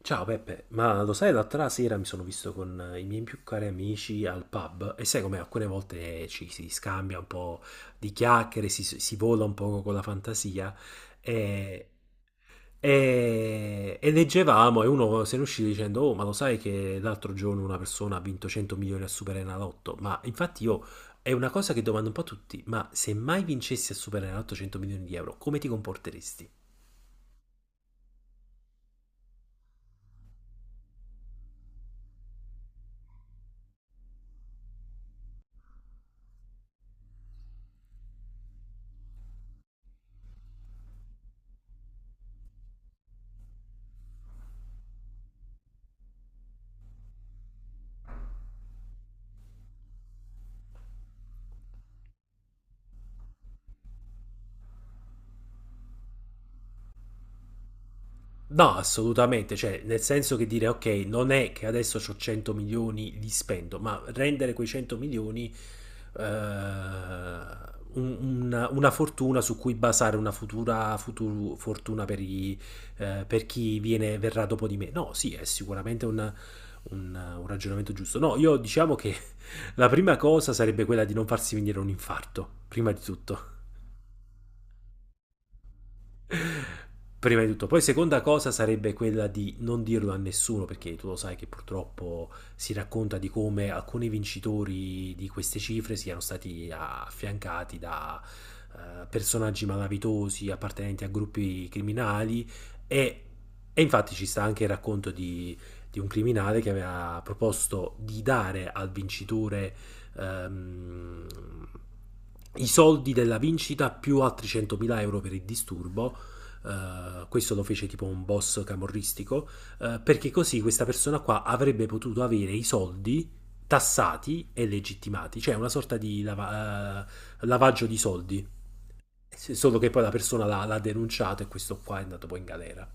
Ciao Peppe, ma lo sai, l'altra sera mi sono visto con i miei più cari amici al pub, e sai, come alcune volte ci si scambia un po' di chiacchiere, si vola un po' con la fantasia. E, e, e leggevamo, e uno se ne uscì dicendo, oh, ma lo sai che l'altro giorno una persona ha vinto 100 milioni a Superenalotto? Ma infatti, io è una cosa che domando un po' a tutti: ma se mai vincessi a Superenalotto 100 milioni di euro, come ti comporteresti? No, assolutamente, cioè nel senso che, dire ok, non è che adesso ho 100 milioni, li spendo, ma rendere quei 100 milioni eh, un- una fortuna su cui basare una futura fortuna per chi viene, verrà dopo di me. No, sì, è sicuramente un ragionamento giusto. No, io diciamo che la prima cosa sarebbe quella di non farsi venire un infarto, prima di tutto. Prima di tutto, poi seconda cosa sarebbe quella di non dirlo a nessuno, perché tu lo sai che purtroppo si racconta di come alcuni vincitori di queste cifre siano stati affiancati da personaggi malavitosi appartenenti a gruppi criminali. E, e infatti ci sta anche il racconto di un criminale che aveva proposto di dare al vincitore ehm, i soldi della vincita più altri 100.000 euro per il disturbo. Questo lo fece tipo un boss camorristico, perché così questa persona qua avrebbe potuto avere i soldi tassati e legittimati, cioè una sorta di lavaggio di soldi. Solo che poi la persona l'ha denunciato, e questo qua è andato poi in galera.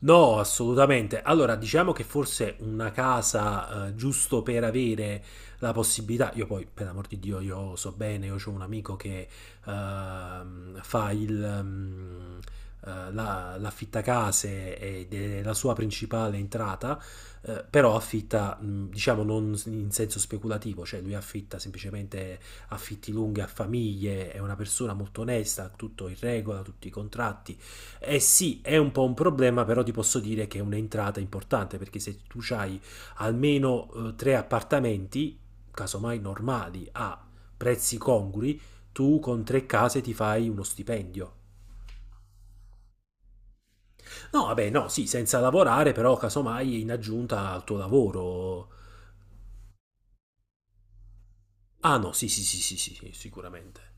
No, assolutamente. Allora, diciamo che forse una casa, giusto per avere la possibilità. Io poi, per l'amor di Dio, io so bene, io ho un amico che fa la l'affittacase, ed è la sua principale entrata. Però affitta, diciamo, non in senso speculativo, cioè lui affitta semplicemente affitti lunghi a famiglie, è una persona molto onesta, tutto in regola, tutti i contratti. Eh sì, è un po' un problema, però ti posso dire che è un'entrata importante, perché se tu hai almeno tre appartamenti, casomai normali, a prezzi congrui, tu con tre case ti fai uno stipendio. No, vabbè, no, sì, senza lavorare, però casomai in aggiunta al tuo lavoro. Ah no, sì, sì, sì, sì, sì, sì, sicuramente.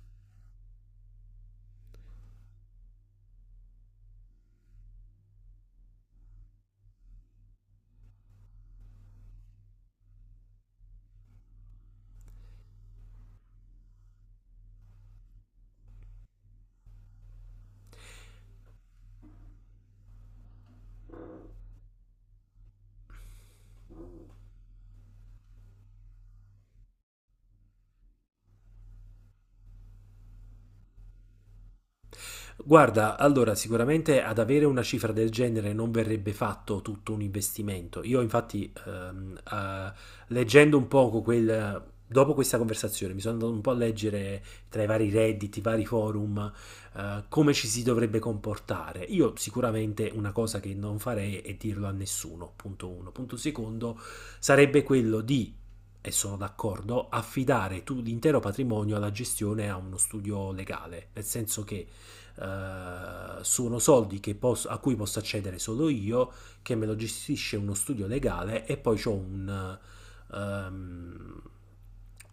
Guarda, allora sicuramente, ad avere una cifra del genere, non verrebbe fatto tutto un investimento. Io infatti, leggendo un poco quel... Dopo questa conversazione mi sono andato un po' a leggere tra i vari redditi, i vari forum, come ci si dovrebbe comportare. Io sicuramente una cosa che non farei è dirlo a nessuno, punto uno. Punto secondo, sarebbe quello di, e sono d'accordo, affidare tu l'intero patrimonio alla gestione a uno studio legale, nel senso che sono soldi che posso, a cui posso accedere solo io, che me lo gestisce uno studio legale, e poi ho um,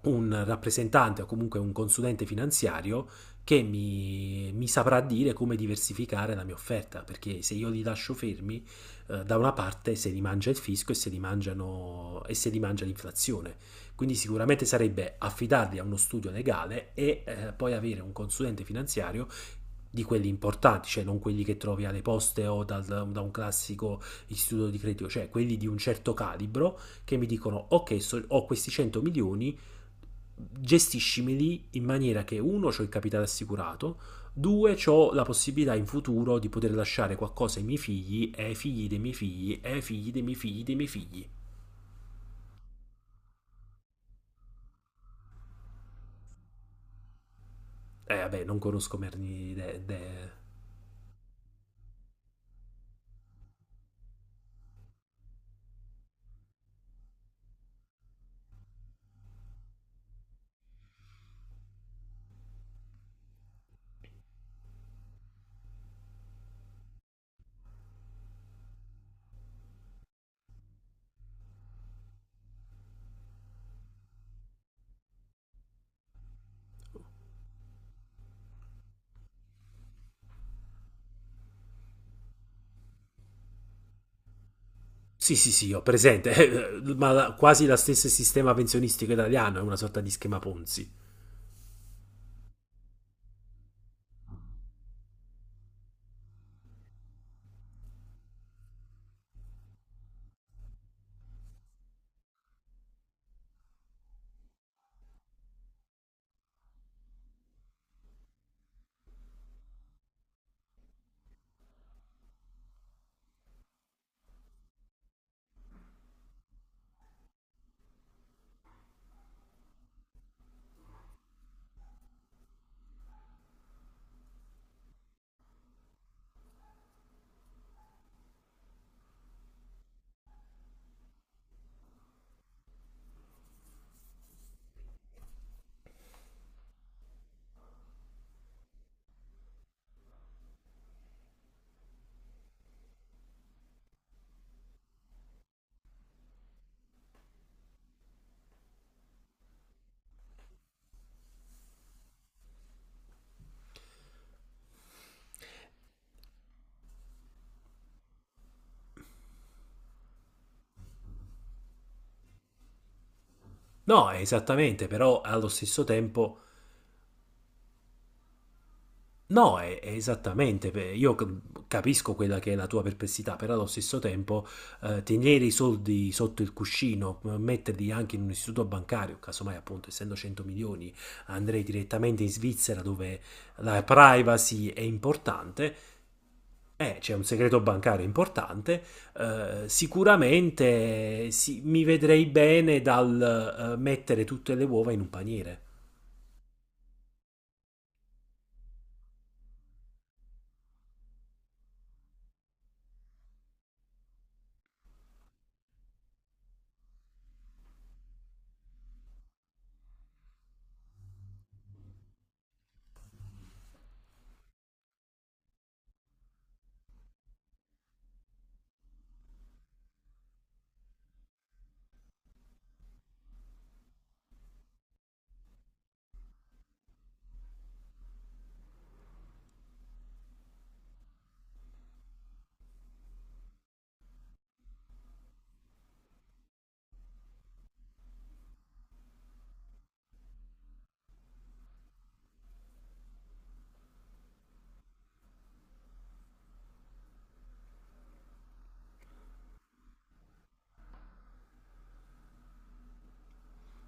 un rappresentante, o comunque un consulente finanziario, che mi saprà dire come diversificare la mia offerta, perché se io li lascio fermi, da una parte se li mangia il fisco, e se li, mangiano, e se li mangia l'inflazione. Quindi sicuramente sarebbe affidarli a uno studio legale, e poi avere un consulente finanziario di quelli importanti, cioè non quelli che trovi alle poste o da un classico istituto di credito, cioè quelli di un certo calibro, che mi dicono ok, ho questi 100 milioni, gestiscimeli in maniera che, uno, ho il capitale assicurato, due, ho la possibilità in futuro di poter lasciare qualcosa ai miei figli, e ai figli dei miei figli, e ai figli dei miei figli dei miei figli. Eh vabbè, non conosco merni Sì, sì, sì, ho presente, ma quasi lo stesso sistema pensionistico italiano è una sorta di schema Ponzi. No, è esattamente, però allo stesso tempo... No, è esattamente, beh, io capisco quella che è la tua perplessità, però allo stesso tempo tenere i soldi sotto il cuscino, metterli anche in un istituto bancario, casomai, appunto, essendo 100 milioni, andrei direttamente in Svizzera, dove la privacy è importante. C'è un segreto bancario importante. Sicuramente sì, mi vedrei bene dal mettere tutte le uova in un paniere.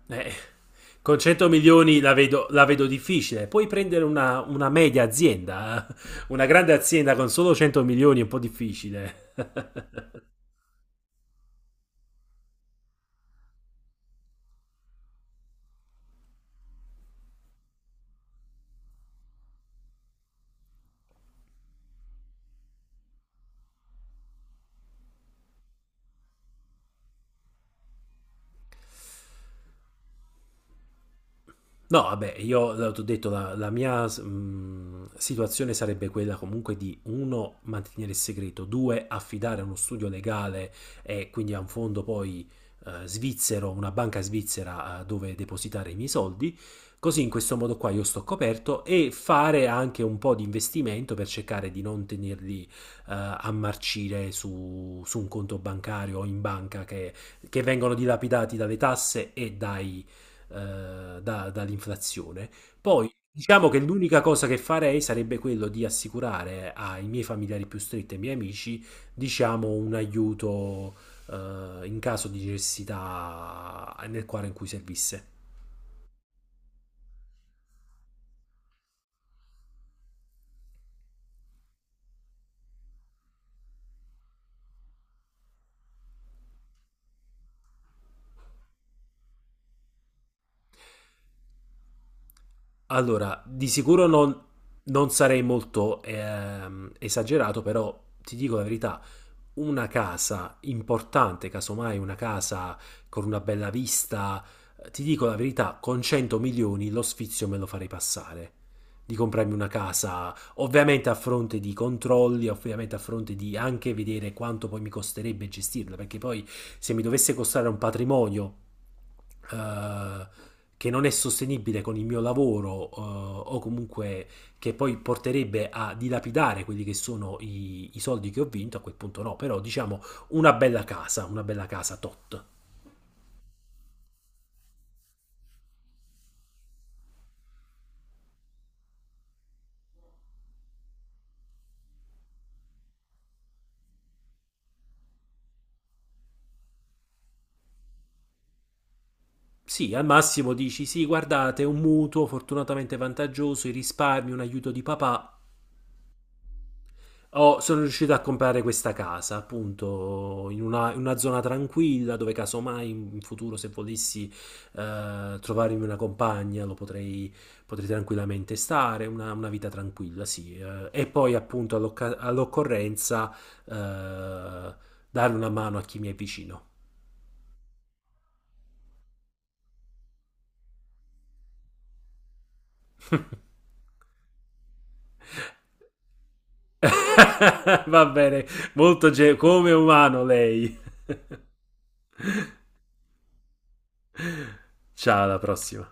Eh, con 100 milioni la vedo difficile. Puoi prendere una media azienda, eh? Una grande azienda con solo 100 milioni è un po' difficile. No, vabbè, io l'ho detto, la mia situazione sarebbe quella, comunque, di, uno, mantenere il segreto, due, affidare a uno studio legale, e quindi a un fondo poi svizzero, una banca svizzera, dove depositare i miei soldi, così in questo modo qua io sto coperto, e fare anche un po' di investimento per cercare di non tenerli a marcire su un conto bancario o in banca, che vengono dilapidati dalle tasse e dall'inflazione. Poi diciamo che l'unica cosa che farei sarebbe quello di assicurare ai miei familiari più stretti e ai miei amici, diciamo, un aiuto, in caso di necessità, nel quadro in cui servisse. Allora, di sicuro non sarei molto esagerato, però ti dico la verità, una casa importante, casomai una casa con una bella vista, ti dico la verità, con 100 milioni lo sfizio me lo farei passare. Di comprarmi una casa, ovviamente a fronte di controlli, ovviamente a fronte di anche vedere quanto poi mi costerebbe gestirla, perché poi se mi dovesse costare un patrimonio eh, che non è sostenibile con il mio lavoro, o comunque che poi porterebbe a dilapidare quelli che sono i soldi che ho vinto, a quel punto no, però diciamo una bella casa tot. Sì, al massimo dici sì, guardate, un mutuo fortunatamente vantaggioso, i risparmi, un aiuto di papà, oh, sono riuscito a comprare questa casa, appunto, in una zona tranquilla, dove casomai in futuro, se volessi trovarmi una compagna, potrei tranquillamente stare, una vita tranquilla, sì. E poi, appunto, all'occorrenza, eh, dare una mano a chi mi è vicino. Va bene, molto come umano lei. Ciao, alla prossima.